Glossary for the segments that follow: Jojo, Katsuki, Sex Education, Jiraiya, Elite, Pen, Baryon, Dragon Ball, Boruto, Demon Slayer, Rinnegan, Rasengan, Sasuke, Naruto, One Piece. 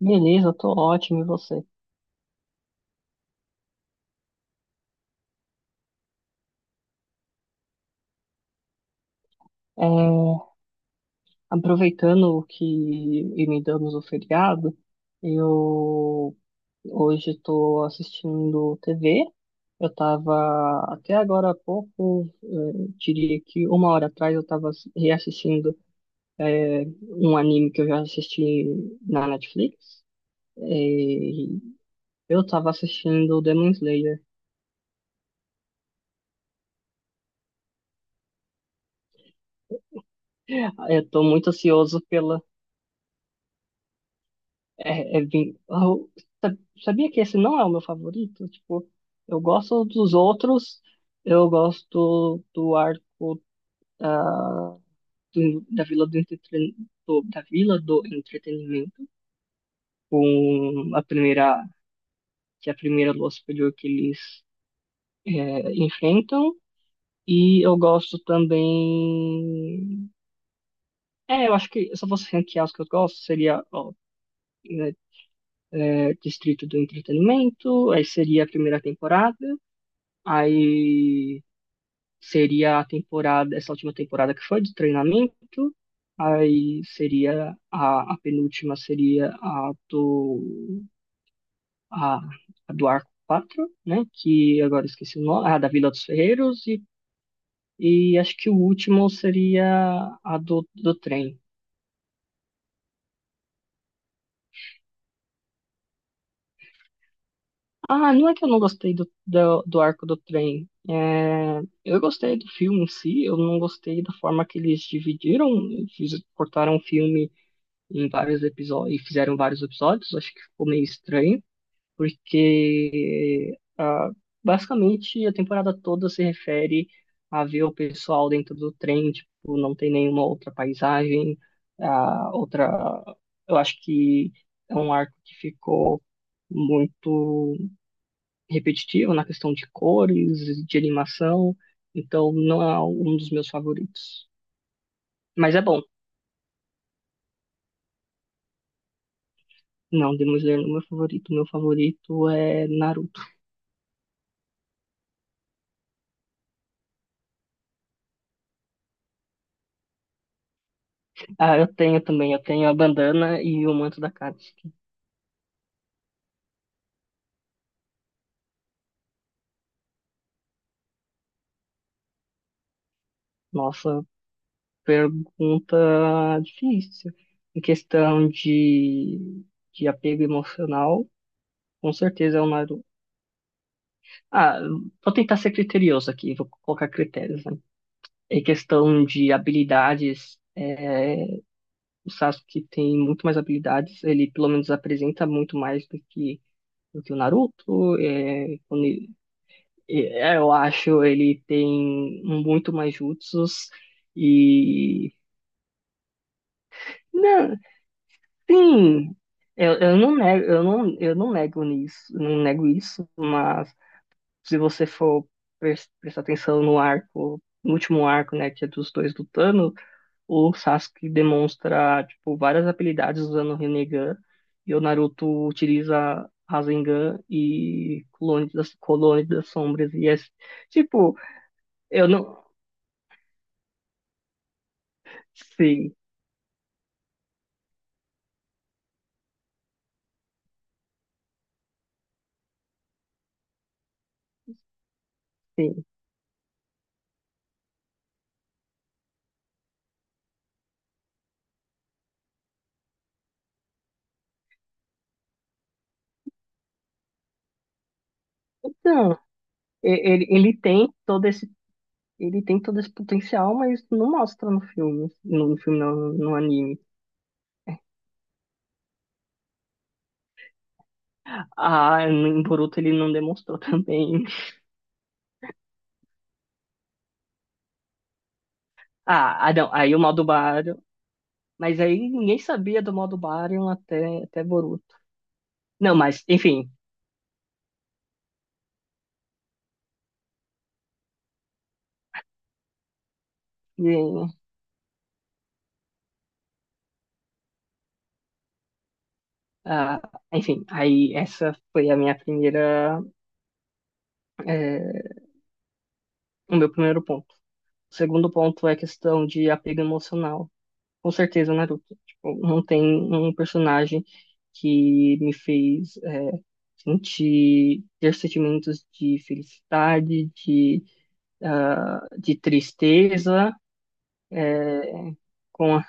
Beleza, eu tô ótimo, e você? É, aproveitando que emendamos o feriado, eu hoje estou assistindo TV. Eu estava até agora há pouco, diria que uma hora atrás, eu estava reassistindo um anime que eu já assisti na Netflix. Eh, eu estava assistindo Demon Slayer. Estou muito ansioso pela. É bem. Eu sa- sabia que esse não é o meu favorito? Tipo, eu gosto dos outros, eu gosto do arco da, da Vila da Vila do Entretenimento, com a primeira, que é a primeira lua superior que eles enfrentam. E eu gosto também. É, eu acho que se eu fosse ranquear os que eu gosto, seria ó, né, Distrito do Entretenimento, aí seria a primeira temporada. Aí seria a temporada, essa última temporada que foi de treinamento. Aí seria a penúltima seria a, a do Arco quatro, né? Que agora eu esqueci o nome, a da Vila dos Ferreiros e acho que o último seria a do trem. Ah, não é que eu não gostei do arco do trem. É, eu gostei do filme em si, eu não gostei da forma que eles dividiram, cortaram o filme em vários episódios, e fizeram vários episódios, acho que ficou meio estranho, porque basicamente a temporada toda se refere a ver o pessoal dentro do trem, tipo, não tem nenhuma outra paisagem, a outra, eu acho que é um arco que ficou muito repetitivo na questão de cores, de animação, então não é um dos meus favoritos. Mas é bom. Não, Demon Slayer não é meu favorito. Meu favorito é Naruto. Ah, eu tenho também. Eu tenho a bandana e o manto da Katsuki. Nossa, pergunta difícil. Em questão de apego emocional, com certeza é o Naruto. Ah, vou tentar ser criterioso aqui, vou colocar critérios, né? Em questão de habilidades, o Sasuke tem muito mais habilidades, ele pelo menos apresenta muito mais do que, o Naruto. Eu acho ele tem um muito mais jutsus e não, sim, eu não nego, eu não nego nisso, não nego isso, mas se você for prestar atenção no arco, no último arco, né, que é dos dois lutando, o Sasuke demonstra tipo várias habilidades usando o Rinnegan e o Naruto utiliza Rasengan e Clone das Sombras e é tipo, eu não. Sim. Sim. Então, ele tem todo esse, ele tem todo esse potencial, mas não mostra no filme, no filme não, no anime. Ah, em Boruto ele não demonstrou também. Não, aí o modo Baryon, mas aí ninguém sabia do modo Baryon até Boruto. Não, mas enfim, e, ah, enfim, aí essa foi a minha primeira, eh, o meu primeiro ponto. O segundo ponto é a questão de apego emocional. Com certeza Naruto. Tipo, não tem um personagem que me fez sentir ter sentimentos de felicidade, de tristeza, é, com a...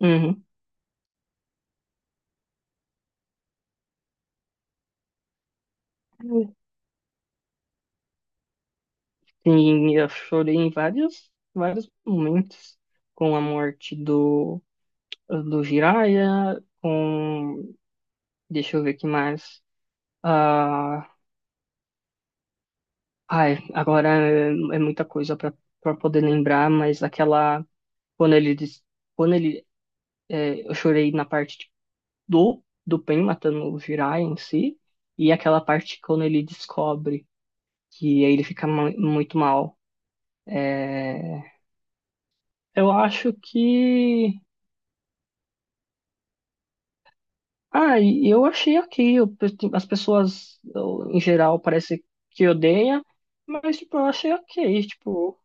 Uhum. Sim, eu chorei em vários, vários momentos com a morte do Jiraiya, com... Deixa eu ver o que mais. ah agora é muita coisa para poder lembrar, mas aquela quando ele diz, quando ele, eu chorei na parte tipo, do Pen matando o Jiraiya em si e aquela parte quando ele descobre que aí ele fica muito mal. É, eu acho que e eu achei ok. As pessoas em geral parece que odeia, mas tipo eu achei ok. Tipo,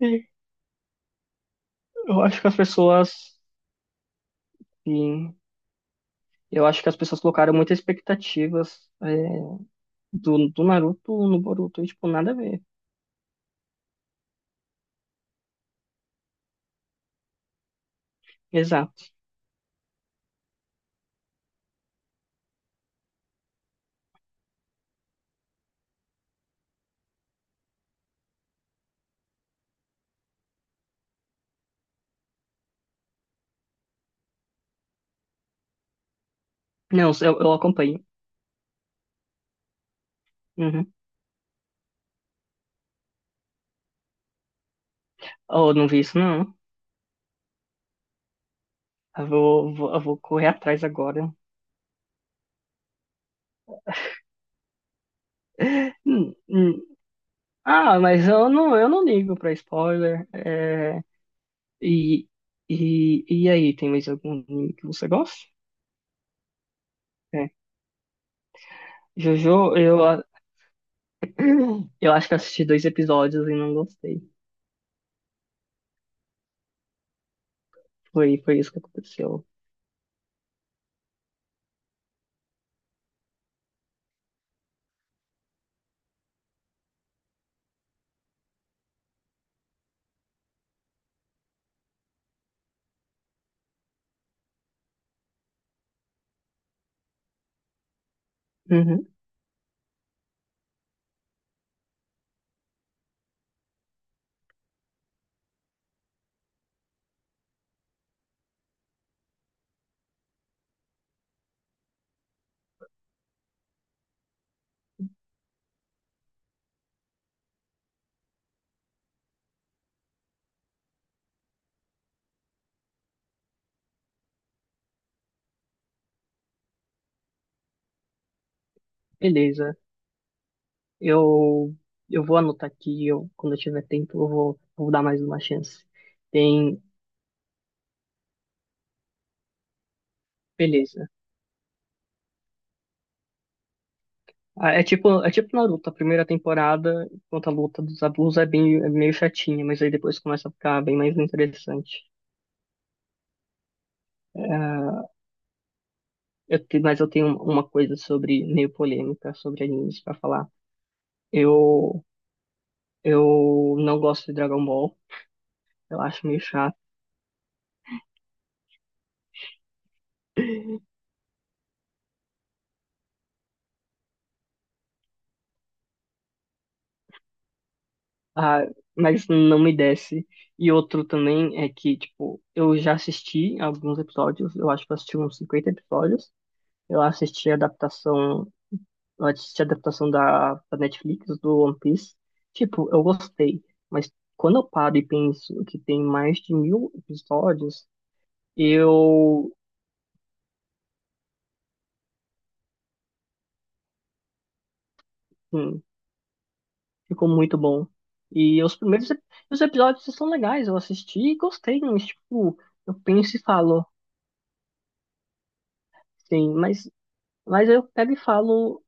e eu acho que as pessoas sim, eu acho que as pessoas colocaram muitas expectativas do Naruto no Boruto, e, tipo, nada a ver. Exato. Não, eu acompanho. Uhum. Oh, não vi isso, não. Eu vou correr atrás agora. Hum, hum. Ah, mas eu não, ligo pra spoiler. E, e aí, tem mais algum anime que você gosta? É. Jojo, eu acho que assisti dois episódios e não gostei. Foi isso que aconteceu. Uhum. Beleza. Eu, eu vou anotar aqui, quando eu tiver tempo, eu vou dar mais uma chance. Tem. Beleza. Ah, é tipo Naruto, a primeira temporada, enquanto a luta dos Abus é bem, é meio chatinha, mas aí depois começa a ficar bem mais interessante. Ah, mas eu tenho uma coisa sobre, meio polêmica, sobre animes pra falar. Eu, eu não gosto de Dragon Ball, eu acho meio chato, ah, mas não me desce. E outro também é que, tipo, eu já assisti alguns episódios, eu acho que eu assisti uns 50 episódios. Eu assisti a adaptação antes de adaptação da Netflix, do One Piece, tipo, eu gostei, mas quando eu paro e penso que tem mais de 1.000 episódios. Eu, hum, ficou muito bom. E os primeiros os episódios são legais, eu assisti e gostei, mas, tipo, eu penso e falo, sim, mas, eu pego e falo,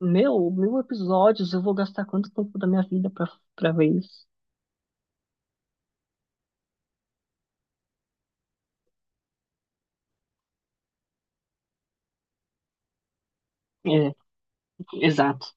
meu, 1.000 episódios, eu vou gastar quanto tempo da minha vida pra ver isso? É, exato.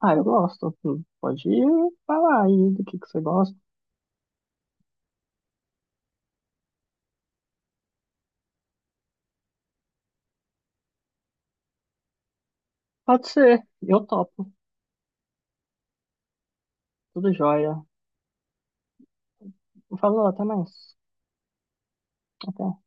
Ah, eu gosto. Pode falar aí do que você gosta. Pode ser, eu topo, tudo jóia. Falou, até mais. Até.